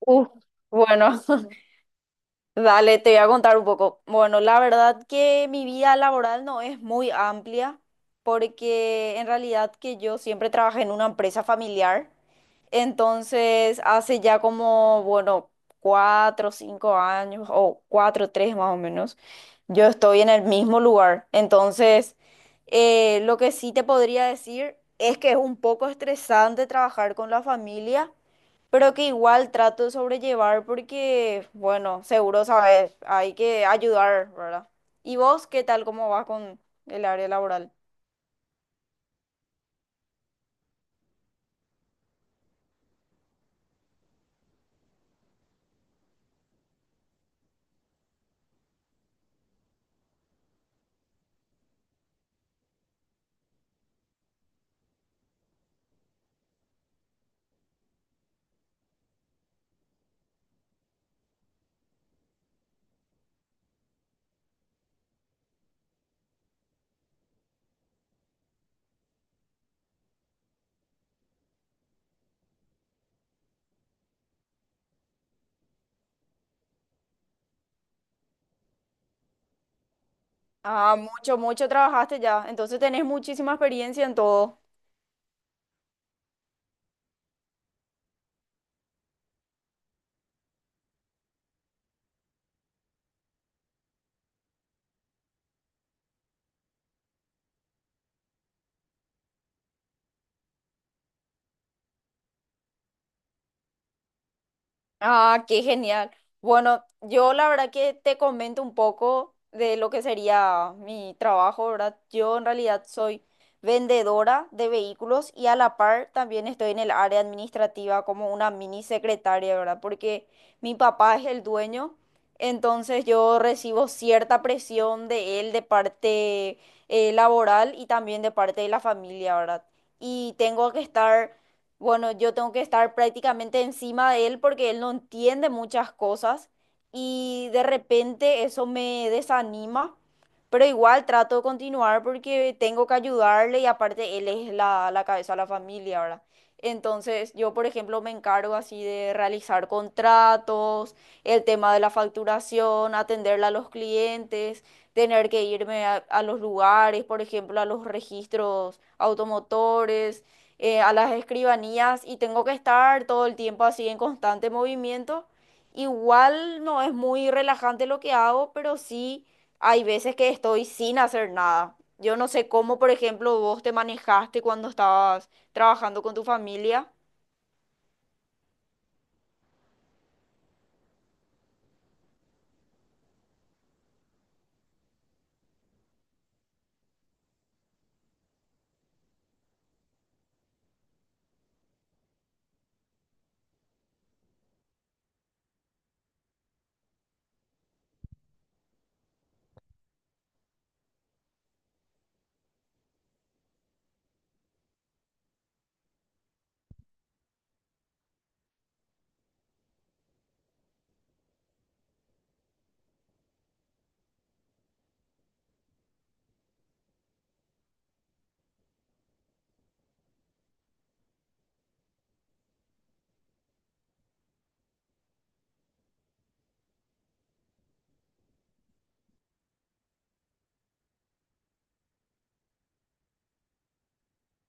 Uf, bueno, dale, te voy a contar un poco. Bueno, la verdad que mi vida laboral no es muy amplia porque en realidad que yo siempre trabajé en una empresa familiar. Entonces, hace ya como, bueno, cuatro, cinco años o cuatro, tres más o menos, yo estoy en el mismo lugar. Entonces, lo que sí te podría decir es que es un poco estresante trabajar con la familia pero que igual trato de sobrellevar porque, bueno, seguro sabes, hay que ayudar, ¿verdad? ¿Y vos qué tal, cómo vas con el área laboral? Ah, mucho, mucho trabajaste ya, entonces tenés muchísima experiencia en todo. Ah, qué genial. Bueno, yo la verdad que te comento un poco de lo que sería mi trabajo, ¿verdad? Yo en realidad soy vendedora de vehículos y a la par también estoy en el área administrativa como una mini secretaria, ¿verdad? Porque mi papá es el dueño, entonces yo recibo cierta presión de él de parte laboral y también de parte de la familia, ¿verdad? Y tengo que estar bueno, yo tengo que estar prácticamente encima de él porque él no entiende muchas cosas y de repente eso me desanima, pero igual trato de continuar porque tengo que ayudarle y aparte él es la cabeza de la familia, ¿verdad? Entonces yo, por ejemplo, me encargo así de realizar contratos, el tema de la facturación, atenderle a los clientes, tener que irme a los lugares, por ejemplo, a los registros automotores a las escribanías y tengo que estar todo el tiempo así en constante movimiento. Igual no es muy relajante lo que hago, pero sí hay veces que estoy sin hacer nada. Yo no sé cómo, por ejemplo, vos te manejaste cuando estabas trabajando con tu familia.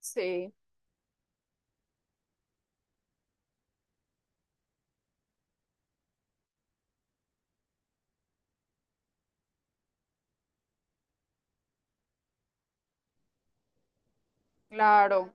Sí, claro.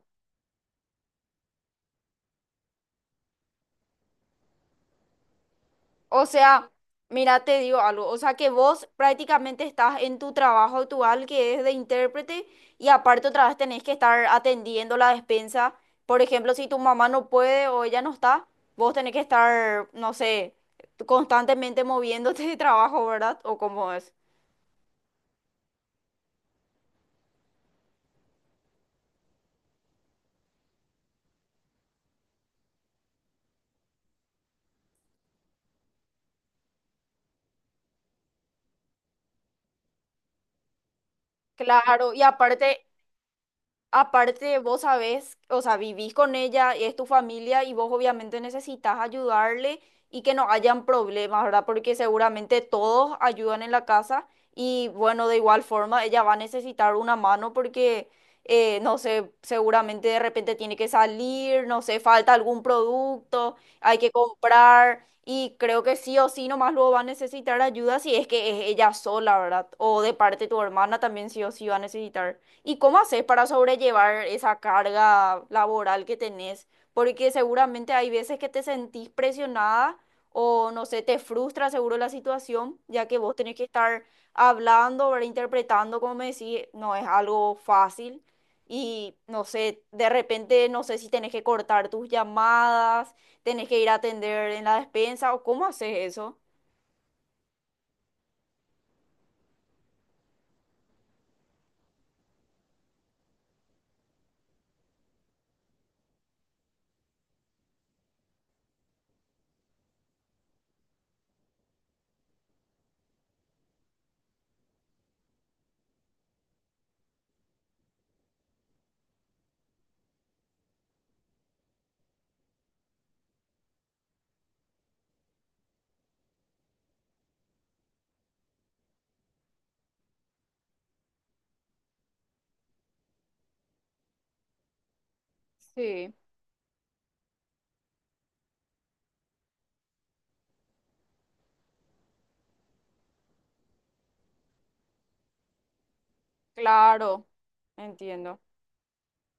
O sea, mira, te digo algo, o sea que vos prácticamente estás en tu trabajo actual que es de intérprete y aparte otra vez tenés que estar atendiendo la despensa. Por ejemplo, si tu mamá no puede o ella no está, vos tenés que estar, no sé, constantemente moviéndote de trabajo, ¿verdad? ¿O cómo es? Claro, y aparte. Aparte, vos sabés, o sea, vivís con ella, es tu familia y vos obviamente necesitas ayudarle y que no hayan problemas, ¿verdad? Porque seguramente todos ayudan en la casa y bueno, de igual forma ella va a necesitar una mano porque, no sé, seguramente de repente tiene que salir, no sé, falta algún producto, hay que comprar y creo que sí o sí nomás luego va a necesitar ayuda si es que es ella sola, ¿verdad? O de parte de tu hermana también sí o sí va a necesitar. ¿Y cómo haces para sobrellevar esa carga laboral que tenés? Porque seguramente hay veces que te sentís presionada o no sé, te frustra seguro la situación, ya que vos tenés que estar hablando, ¿verdad? Interpretando, como me decís, no es algo fácil. Y no sé, de repente no sé si tenés que cortar tus llamadas, tenés que ir a atender en la despensa o cómo haces eso. Sí. Claro, entiendo.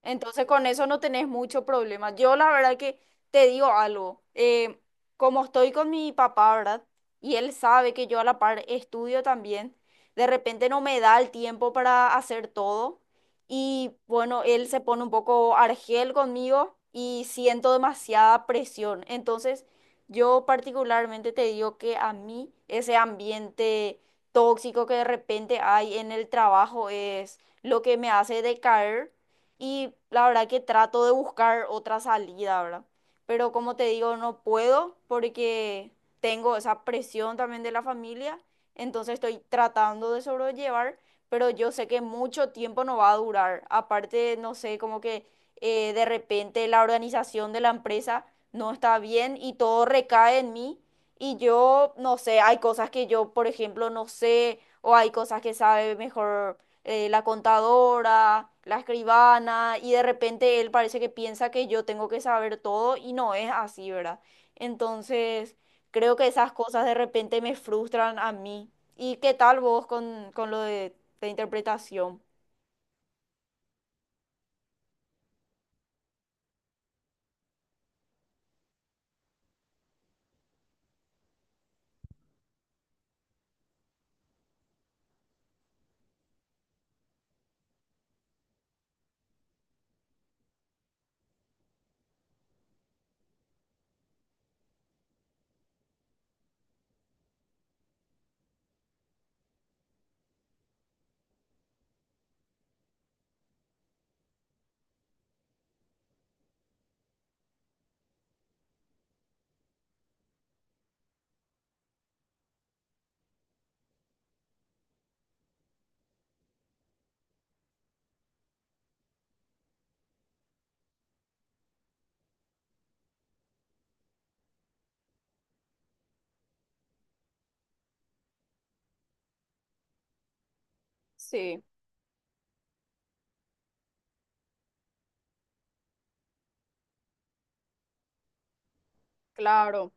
Entonces con eso no tenés mucho problema. Yo la verdad que te digo algo, como estoy con mi papá, ¿verdad? Y él sabe que yo a la par estudio también, de repente no me da el tiempo para hacer todo y bueno, él se pone un poco argel conmigo y siento demasiada presión. Entonces yo particularmente te digo que a mí ese ambiente tóxico que de repente hay en el trabajo es lo que me hace decaer y la verdad que trato de buscar otra salida, ¿verdad? Pero como te digo, no puedo porque tengo esa presión también de la familia, entonces estoy tratando de sobrellevar, pero yo sé que mucho tiempo no va a durar. Aparte, no sé, como que de repente la organización de la empresa no está bien y todo recae en mí. Y yo, no sé, hay cosas que yo, por ejemplo, no sé, o hay cosas que sabe mejor la contadora, la escribana, y de repente él parece que piensa que yo tengo que saber todo y no es así, ¿verdad? Entonces, creo que esas cosas de repente me frustran a mí. ¿Y qué tal vos con lo de interpretación? Sí, claro.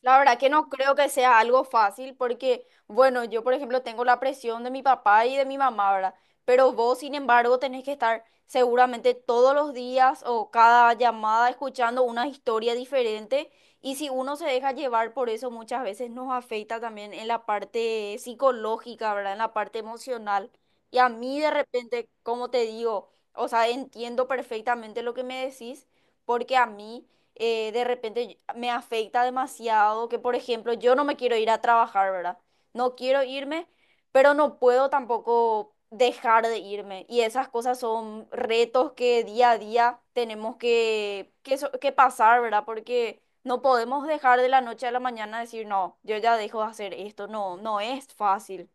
La verdad que no creo que sea algo fácil porque, bueno, yo por ejemplo tengo la presión de mi papá y de mi mamá, ¿verdad? Pero vos, sin embargo, tenés que estar seguramente todos los días o cada llamada escuchando una historia diferente y si uno se deja llevar por eso muchas veces nos afecta también en la parte psicológica, ¿verdad? En la parte emocional. Y a mí de repente, como te digo, o sea, entiendo perfectamente lo que me decís porque a mí de repente me afecta demasiado, que por ejemplo yo no me quiero ir a trabajar, ¿verdad? No quiero irme, pero no puedo tampoco dejar de irme. Y esas cosas son retos que día a día tenemos que, que pasar, ¿verdad? Porque no podemos dejar de la noche a la mañana decir, no, yo ya dejo de hacer esto, no, no es fácil.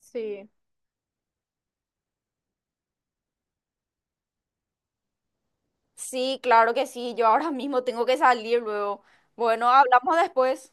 Sí. Sí, claro que sí, yo ahora mismo tengo que salir luego. Bueno, hablamos después.